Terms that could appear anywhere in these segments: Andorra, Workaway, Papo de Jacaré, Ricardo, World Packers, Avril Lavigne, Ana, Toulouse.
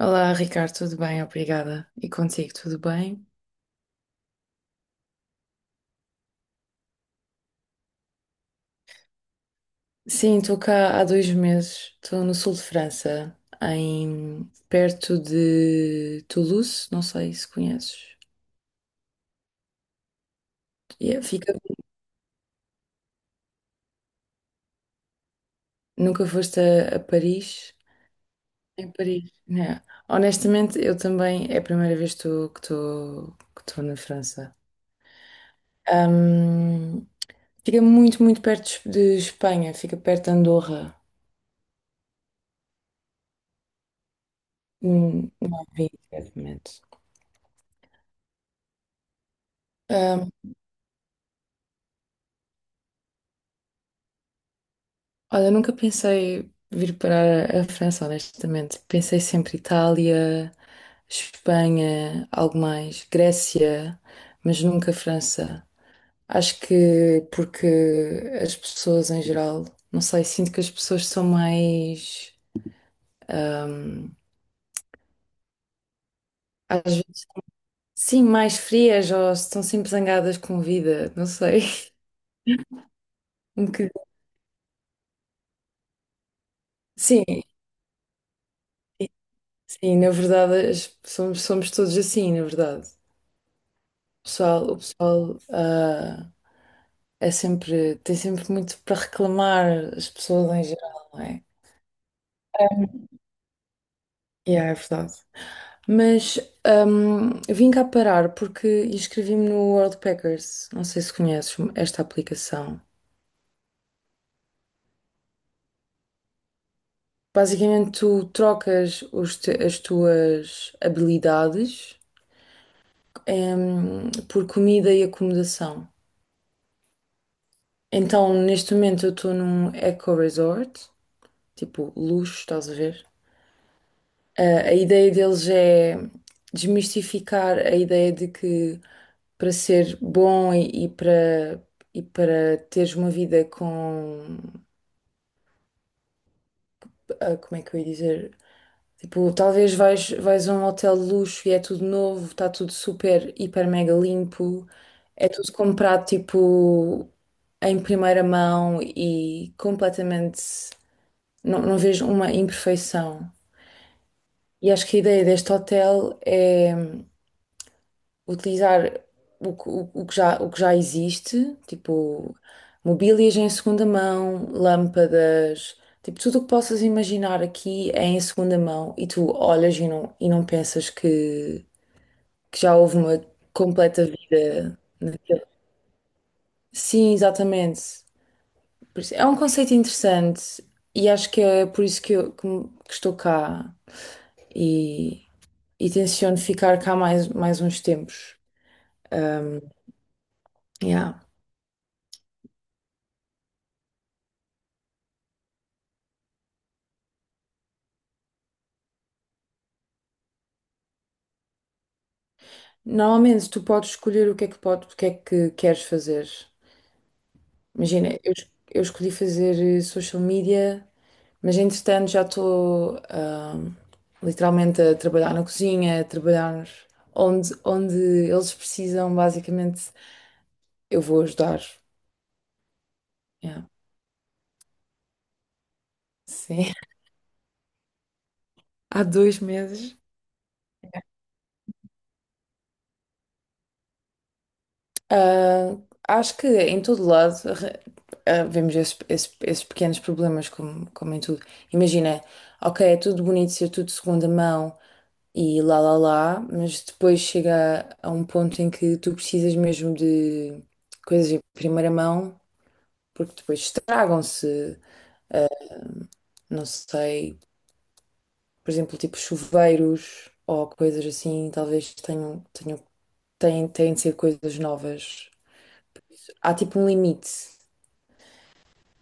Olá, Ricardo, tudo bem? Obrigada. E contigo, tudo bem? Sim, estou cá há 2 meses. Estou no sul de França, em perto de Toulouse. Não sei se conheces. Yeah, fica. Nunca foste a Paris? Em Paris, né? Honestamente, eu também é a primeira vez que estou na França. Ahm, Fica muito, muito perto de Espanha. Fica perto de Andorra. Não vi, exatamente. Olha, eu nunca pensei vir para a França, honestamente. Pensei sempre Itália, Espanha, algo mais, Grécia, mas nunca França. Acho que porque as pessoas em geral, não sei, sinto que as pessoas são mais, ahm, às vezes, sim, mais frias ou estão sempre zangadas com a vida, não sei. Um bocadinho. Sim, sim, na verdade somos todos assim, na verdade. O pessoal, tem sempre muito para reclamar, as pessoas em geral, não é? Yeah, é verdade. Mas vim cá parar porque inscrevi-me no World Packers. Não sei se conheces esta aplicação. Basicamente, tu trocas as tuas habilidades por comida e acomodação. Então, neste momento, eu estou num eco resort, tipo luxo, estás a ver? A ideia deles é desmistificar a ideia de que para ser bom e para teres uma vida com. Como é que eu ia dizer? Tipo, talvez vais a um hotel de luxo e é tudo novo, está tudo super, hiper, mega limpo, é tudo comprado tipo em primeira mão e completamente. Não, não vejo uma imperfeição. E acho que a ideia deste hotel é, utilizar o que já existe, tipo mobílias em segunda mão, lâmpadas, tipo tudo o que possas imaginar aqui é em segunda mão e tu olhas e não pensas que já houve uma completa vida naquele. Sim, exatamente. É um conceito interessante e acho que é por isso que, eu, que me- que estou cá e, e tenciono ficar cá mais uns tempos. Yeah. Normalmente tu podes escolher o que é que, pode, o que é que queres fazer. Imagina, eu escolhi fazer social media, mas entretanto já estou literalmente a trabalhar na cozinha, a trabalhar onde eles precisam, basicamente, eu vou ajudar. Yeah, sim, há 2 meses. Ah, Acho que em todo lado vemos esses pequenos problemas, como em tudo. Imagina, ok, é tudo bonito ser tudo de segunda mão, e lá lá lá, mas depois chega a um ponto em que tu precisas mesmo de coisas em primeira mão, porque depois estragam-se, não sei, por exemplo, tipo chuveiros ou coisas assim, talvez têm de ser coisas novas. Há tipo um limite.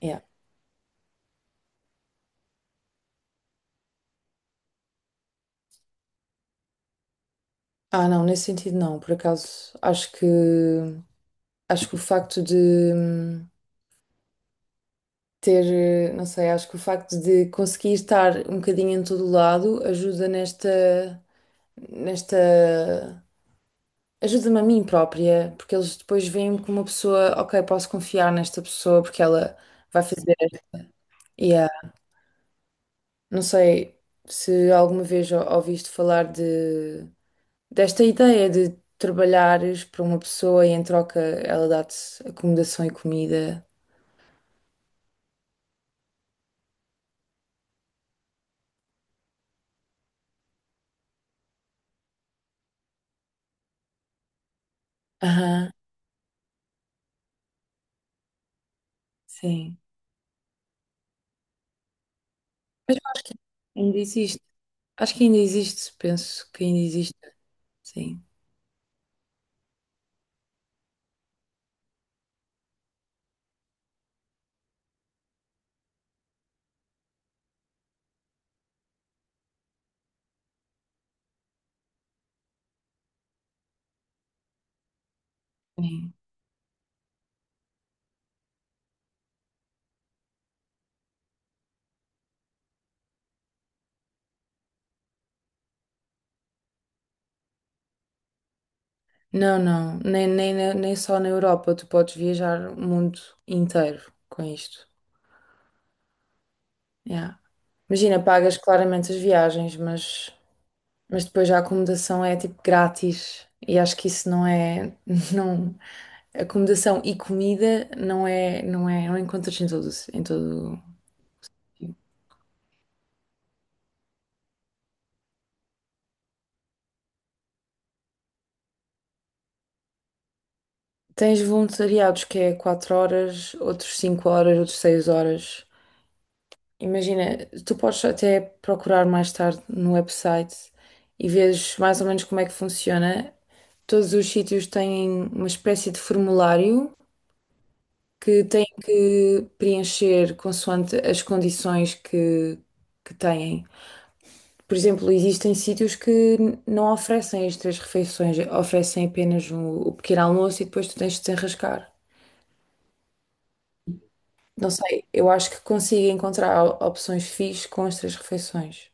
Yeah. Não, nesse sentido não, por acaso, acho que o facto de hum, não sei, acho que o facto de conseguir estar um bocadinho em todo o lado ajuda nesta, ajuda-me a mim própria, porque eles depois veem-me como uma pessoa, ok, posso confiar nesta pessoa porque ela vai fazer, yeah. Não sei se alguma vez ouviste falar desta ideia de trabalhares para uma pessoa e em troca ela dá-te acomodação e comida. Aham, sim. Mas ainda existe. Acho que ainda existe, penso que ainda existe, sim. Sim. Não, não, nem só na Europa, tu podes viajar o mundo inteiro com isto. Yeah. Imagina, pagas claramente as viagens, mas depois a acomodação é tipo grátis e acho que isso não é, não, acomodação e comida não é, não encontras em todo. Tens voluntariados que é 4 horas, outros 5 horas, outros 6 horas. Imagina, tu podes até procurar mais tarde no website e vês mais ou menos como é que funciona. Todos os sítios têm uma espécie de formulário que têm que preencher consoante as condições que têm. Por exemplo, existem sítios que não oferecem as 3 refeições, oferecem apenas o pequeno almoço e depois tu tens de te enrascar. Não sei, eu acho que consigo encontrar opções fixes com as 3 refeições.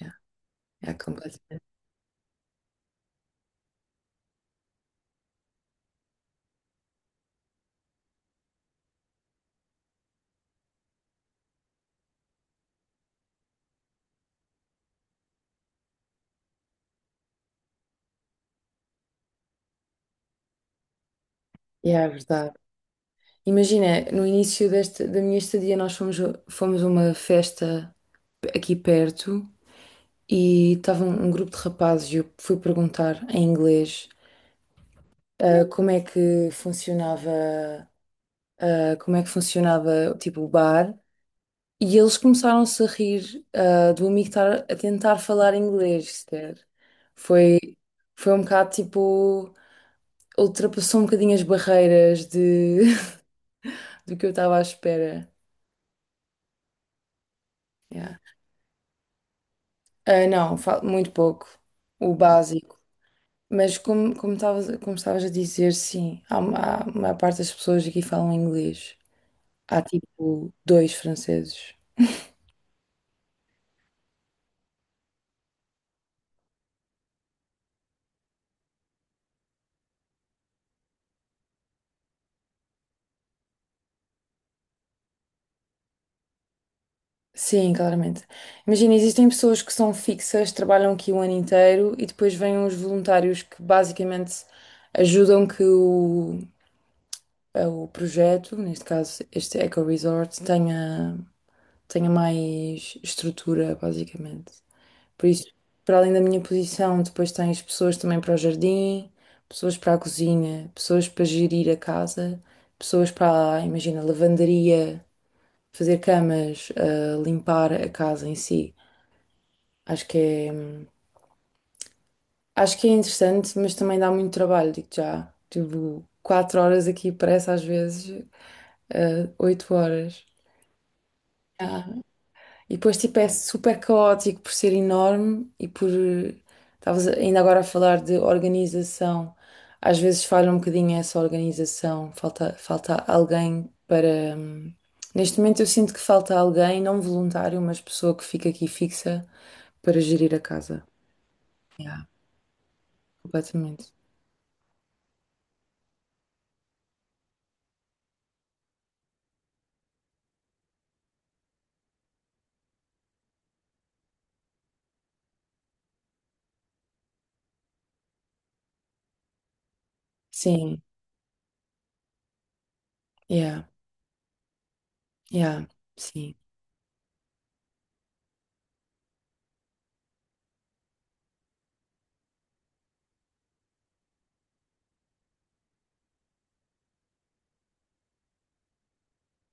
Yeah, é completo. Yeah, é verdade. Imagina, no início desta, da minha estadia, nós fomos a uma festa aqui perto e estava um grupo de rapazes e eu fui perguntar em inglês como é que funcionava, ah, como é que funcionava, tipo, o bar. E eles começaram-se a rir do amigo estar a tentar falar inglês, sequer. Foi, foi um bocado, tipo, ultrapassou um bocadinho as barreiras de, do que eu estava à espera. Yeah. Não, muito pouco, o básico. Mas como estavas a dizer, sim, há a maior parte das pessoas aqui falam inglês. Há tipo dois franceses. Sim, claramente. Imagina, existem pessoas que são fixas, trabalham aqui o ano inteiro e depois vêm os voluntários que basicamente ajudam que o projeto, neste caso este Eco Resort, tenha mais estrutura, basicamente. Por isso, para além da minha posição, depois tens pessoas também para o jardim, pessoas para a cozinha, pessoas para gerir a casa, pessoas para, imagina, lavandaria, fazer camas, limpar a casa em si. Acho que é, acho que é interessante, mas também dá muito trabalho, digo já. Tipo, 4 horas aqui parece às vezes 8 horas. E depois, tipo, é super caótico por ser enorme e por, estavas ainda agora a falar de organização. Às vezes falha um bocadinho essa organização, falta alguém para, neste momento eu sinto que falta alguém, não voluntário, mas pessoa que fica aqui fixa para gerir a casa. Yeah, completamente. Sim, yeah, yeah, sim,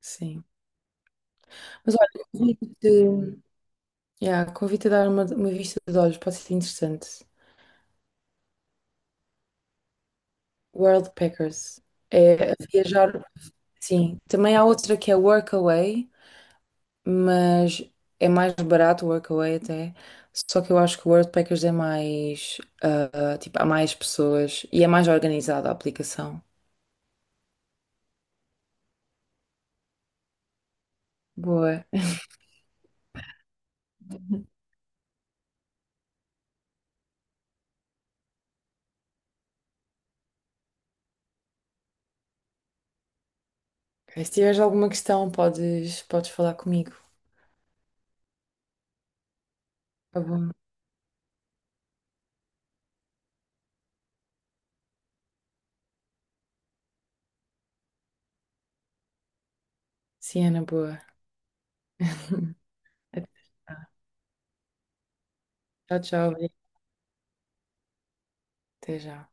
sim. Mas olha, convido-te, yeah, convido-te a dar uma vista de olhos, pode ser interessante. World Packers. É viajar, sim. Também há outra que é Workaway, mas é mais barato o Workaway até. Só que eu acho que o World Packers é mais, tipo, há mais pessoas e é mais organizada a aplicação. Boa. Ok, se tiveres alguma questão, podes falar comigo. Tá bom. Sim, Ana, boa. Até já. Tchau, tchau. Até já.